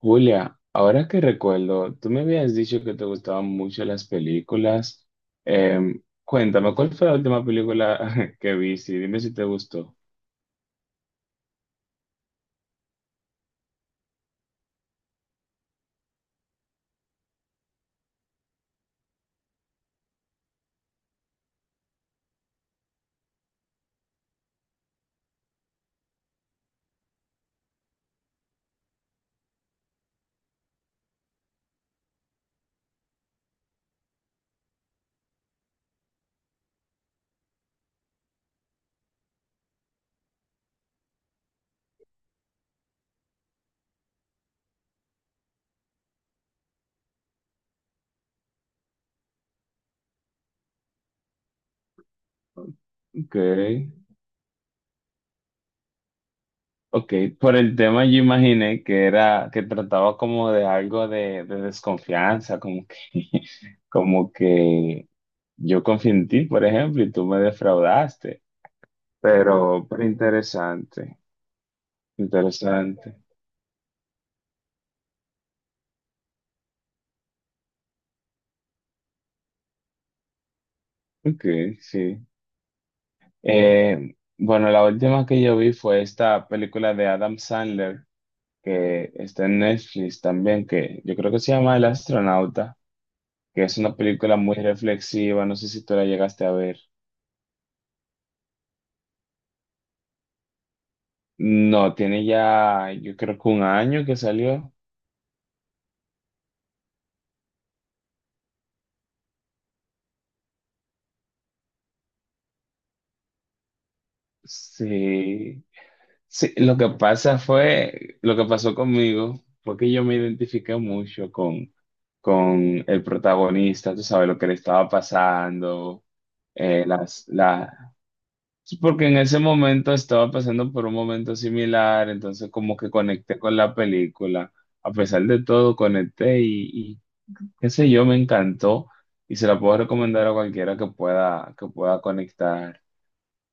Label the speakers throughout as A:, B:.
A: Julia, ahora que recuerdo, tú me habías dicho que te gustaban mucho las películas. Cuéntame, ¿cuál fue la última película que viste? Dime si te gustó. Ok, ok. Por el tema yo imaginé que era, que trataba como de algo de desconfianza, como que, como que yo confié en ti, por ejemplo, y tú me defraudaste. Pero interesante, interesante. Ok, sí. Bueno, la última que yo vi fue esta película de Adam Sandler, que está en Netflix también, que yo creo que se llama El astronauta, que es una película muy reflexiva, no sé si tú la llegaste a ver. No, tiene ya, yo creo que un año que salió. Sí. Sí, lo que pasa fue, lo que pasó conmigo fue que yo me identifiqué mucho con el protagonista, tú sabes lo que le estaba pasando, eh, las, la- Sí, porque en ese momento estaba pasando por un momento similar, entonces como que conecté con la película. A pesar de todo, conecté y qué sé yo, me encantó y se la puedo recomendar a cualquiera que pueda conectar,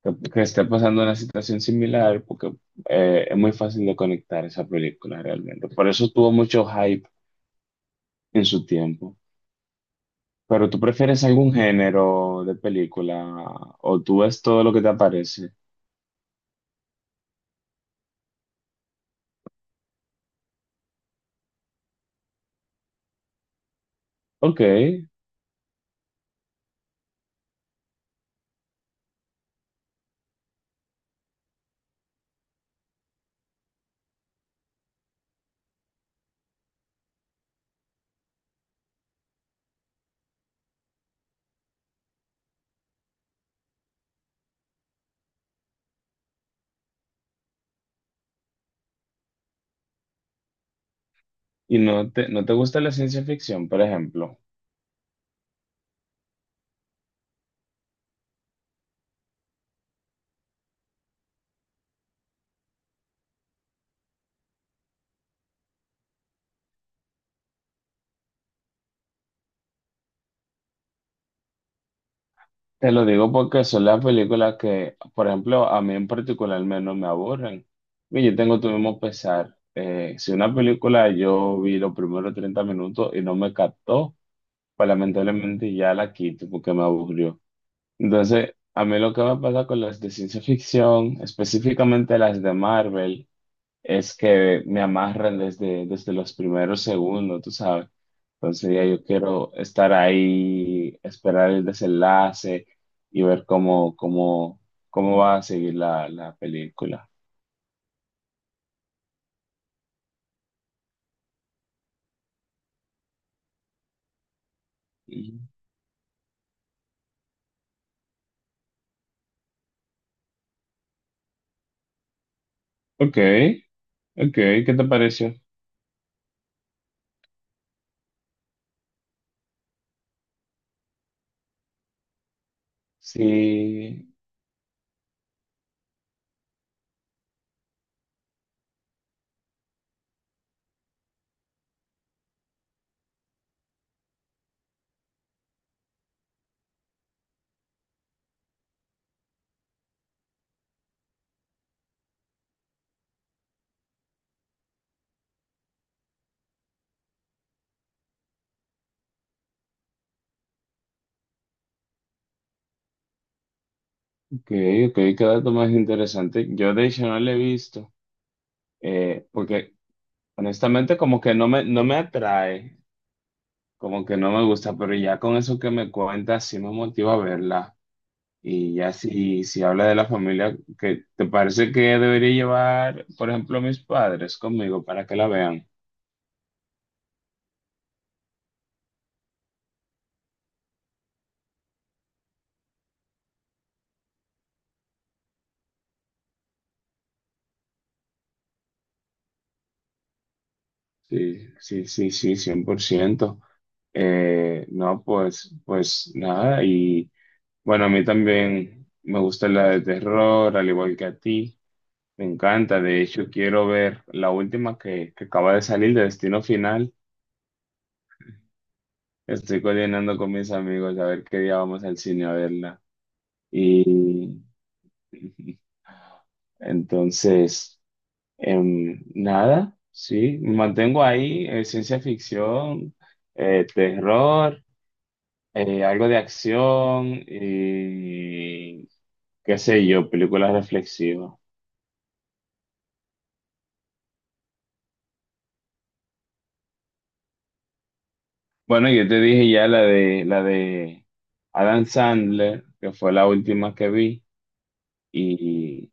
A: que esté pasando una situación similar, porque es muy fácil de conectar esa película realmente. Por eso tuvo mucho hype en su tiempo. Pero ¿tú prefieres algún género de película o tú ves todo lo que te aparece? Ok, ¿y no te, no te gusta la ciencia ficción, por ejemplo? Te lo digo porque son las películas que, por ejemplo, a mí en particular menos me aburren. Y yo tengo tu mismo pesar. Si una película yo vi los primeros 30 minutos y no me captó, pues lamentablemente ya la quito porque me aburrió. Entonces, a mí lo que me pasa con las de ciencia ficción, específicamente las de Marvel, es que me amarran desde, desde los primeros segundos, tú sabes. Entonces ya yo quiero estar ahí, esperar el desenlace y ver cómo, cómo, cómo va a seguir la, la película. Y- ok, ok, ¿qué te pareció? Sí, ok, ok, qué dato más interesante. Yo de hecho no lo he visto, porque honestamente como que no me, no me atrae, como que no me gusta, pero ya con eso que me cuentas sí me motiva a verla. Y ya si, si habla de la familia, ¿que te parece que debería llevar, por ejemplo, a mis padres conmigo para que la vean? Sí, sí, sí, sí, 100%. No, pues, pues nada. Y bueno, a mí también me gusta la de terror, al igual que a ti. Me encanta. De hecho, quiero ver la última que acaba de salir de Destino Final. Estoy coordinando con mis amigos a ver qué día vamos al cine a verla. Y entonces... Nada, sí, mantengo ahí, ciencia ficción, terror, algo de acción y qué sé yo, películas reflexivas. Bueno, yo te dije ya la de Adam Sandler, que fue la última que vi, y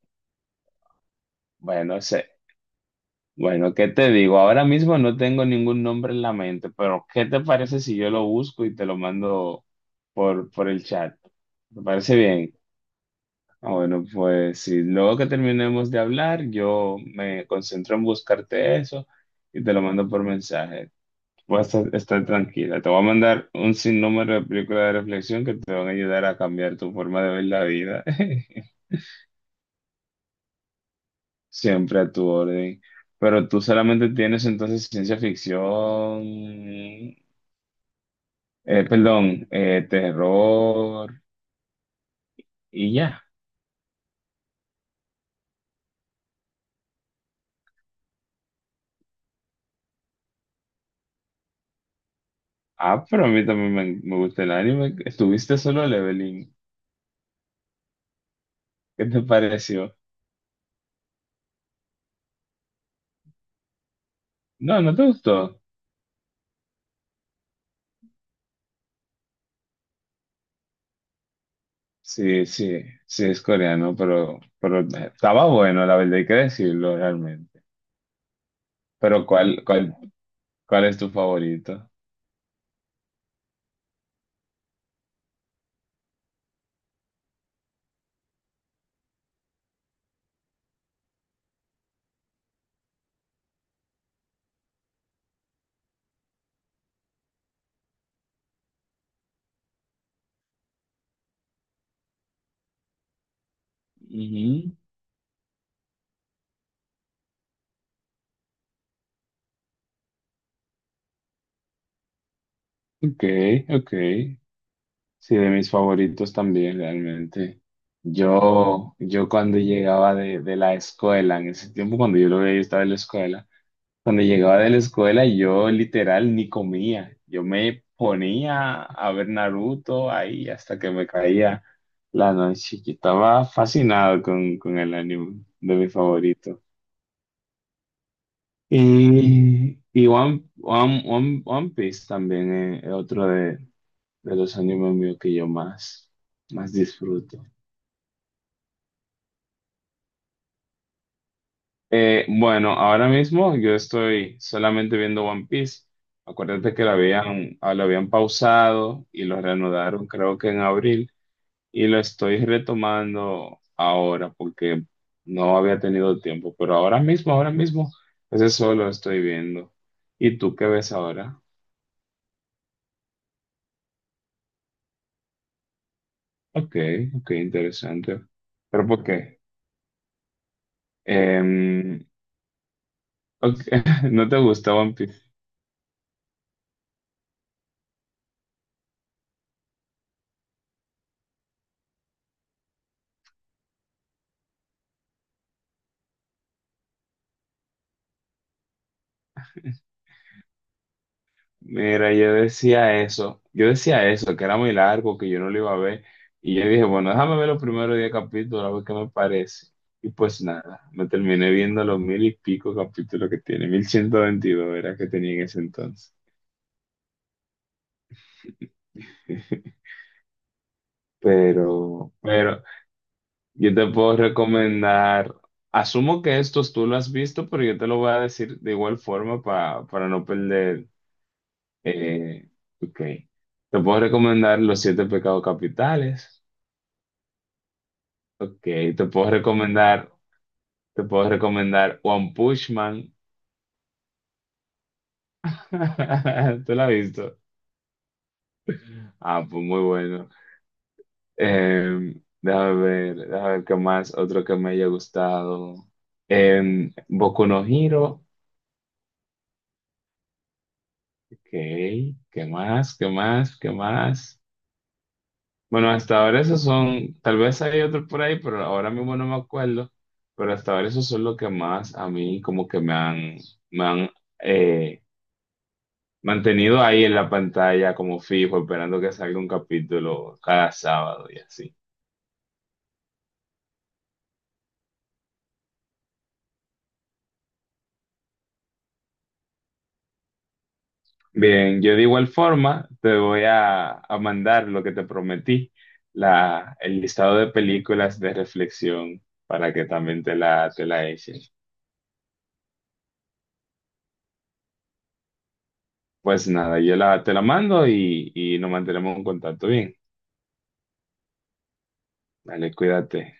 A: bueno, sé, bueno, ¿qué te digo? Ahora mismo no tengo ningún nombre en la mente, pero ¿qué te parece si yo lo busco y te lo mando por el chat? ¿Te parece bien? Ah, bueno, pues sí, luego que terminemos de hablar, yo me concentro en buscarte eso y te lo mando por mensaje. Puedes estar, estar tranquila. Te voy a mandar un sinnúmero de películas de reflexión que te van a ayudar a cambiar tu forma de ver la vida. Siempre a tu orden. Pero tú solamente tienes entonces ciencia ficción, perdón, terror y ya. Ah, pero a mí también me gusta el anime. Estuviste solo, Leveling. ¿Qué te pareció? No, no te gustó. Sí, sí, sí es coreano, pero estaba bueno, la verdad hay que decirlo realmente. Pero ¿cuál, cuál, cuál es tu favorito? Ujú. Ok, ok. Sí, de mis favoritos también realmente. Yo cuando llegaba de la escuela, en ese tiempo cuando yo lo veía, yo estaba en la escuela. Cuando llegaba de la escuela, yo literal ni comía. Yo me ponía a ver Naruto ahí hasta que me caía la noche. Yo estaba fascinado con el anime de mi favorito. Y One Piece también es otro de los animes míos que yo más, más disfruto. Bueno, ahora mismo yo estoy solamente viendo One Piece. Acuérdate que lo habían, ah, lo habían pausado y lo reanudaron creo que en abril y lo estoy retomando ahora porque no había tenido tiempo, pero ahora mismo, ese solo estoy viendo. ¿Y tú qué ves ahora? Ok, ok, interesante. ¿Pero por qué? Em, ok, ¿no te gusta One Piece? Mira, yo decía eso, que era muy largo, que yo no lo iba a ver, y yo dije, bueno, déjame ver los primeros 10 capítulos, a ver qué me parece. Y pues nada, me terminé viendo los mil y pico capítulos que tiene, 1122, era que tenía en ese entonces. Pero yo te puedo recomendar, asumo que estos tú lo has visto, pero yo te lo voy a decir de igual forma para no perder. eh, ok, Te puedo recomendar Los Siete Pecados Capitales. Ok, te puedo recomendar, te puedo recomendar One Punch Man. ¿Tú la has visto? Ah, pues muy bueno. Déjame ver, déjame ver qué más, otro que me haya gustado. Boku no Hero. Ok, ¿qué más? ¿Qué más? ¿Qué más? Bueno, hasta ahora esos son, tal vez hay otro por ahí, pero ahora mismo no me acuerdo. Pero hasta ahora esos son los que más a mí como que me han eh, mantenido ahí en la pantalla como fijo, esperando que salga un capítulo cada sábado y así. Bien, yo de igual forma te voy a mandar lo que te prometí, la, el listado de películas de reflexión para que también te la eches. Pues nada, yo la, te la mando y nos mantenemos en contacto. Bien, dale, cuídate.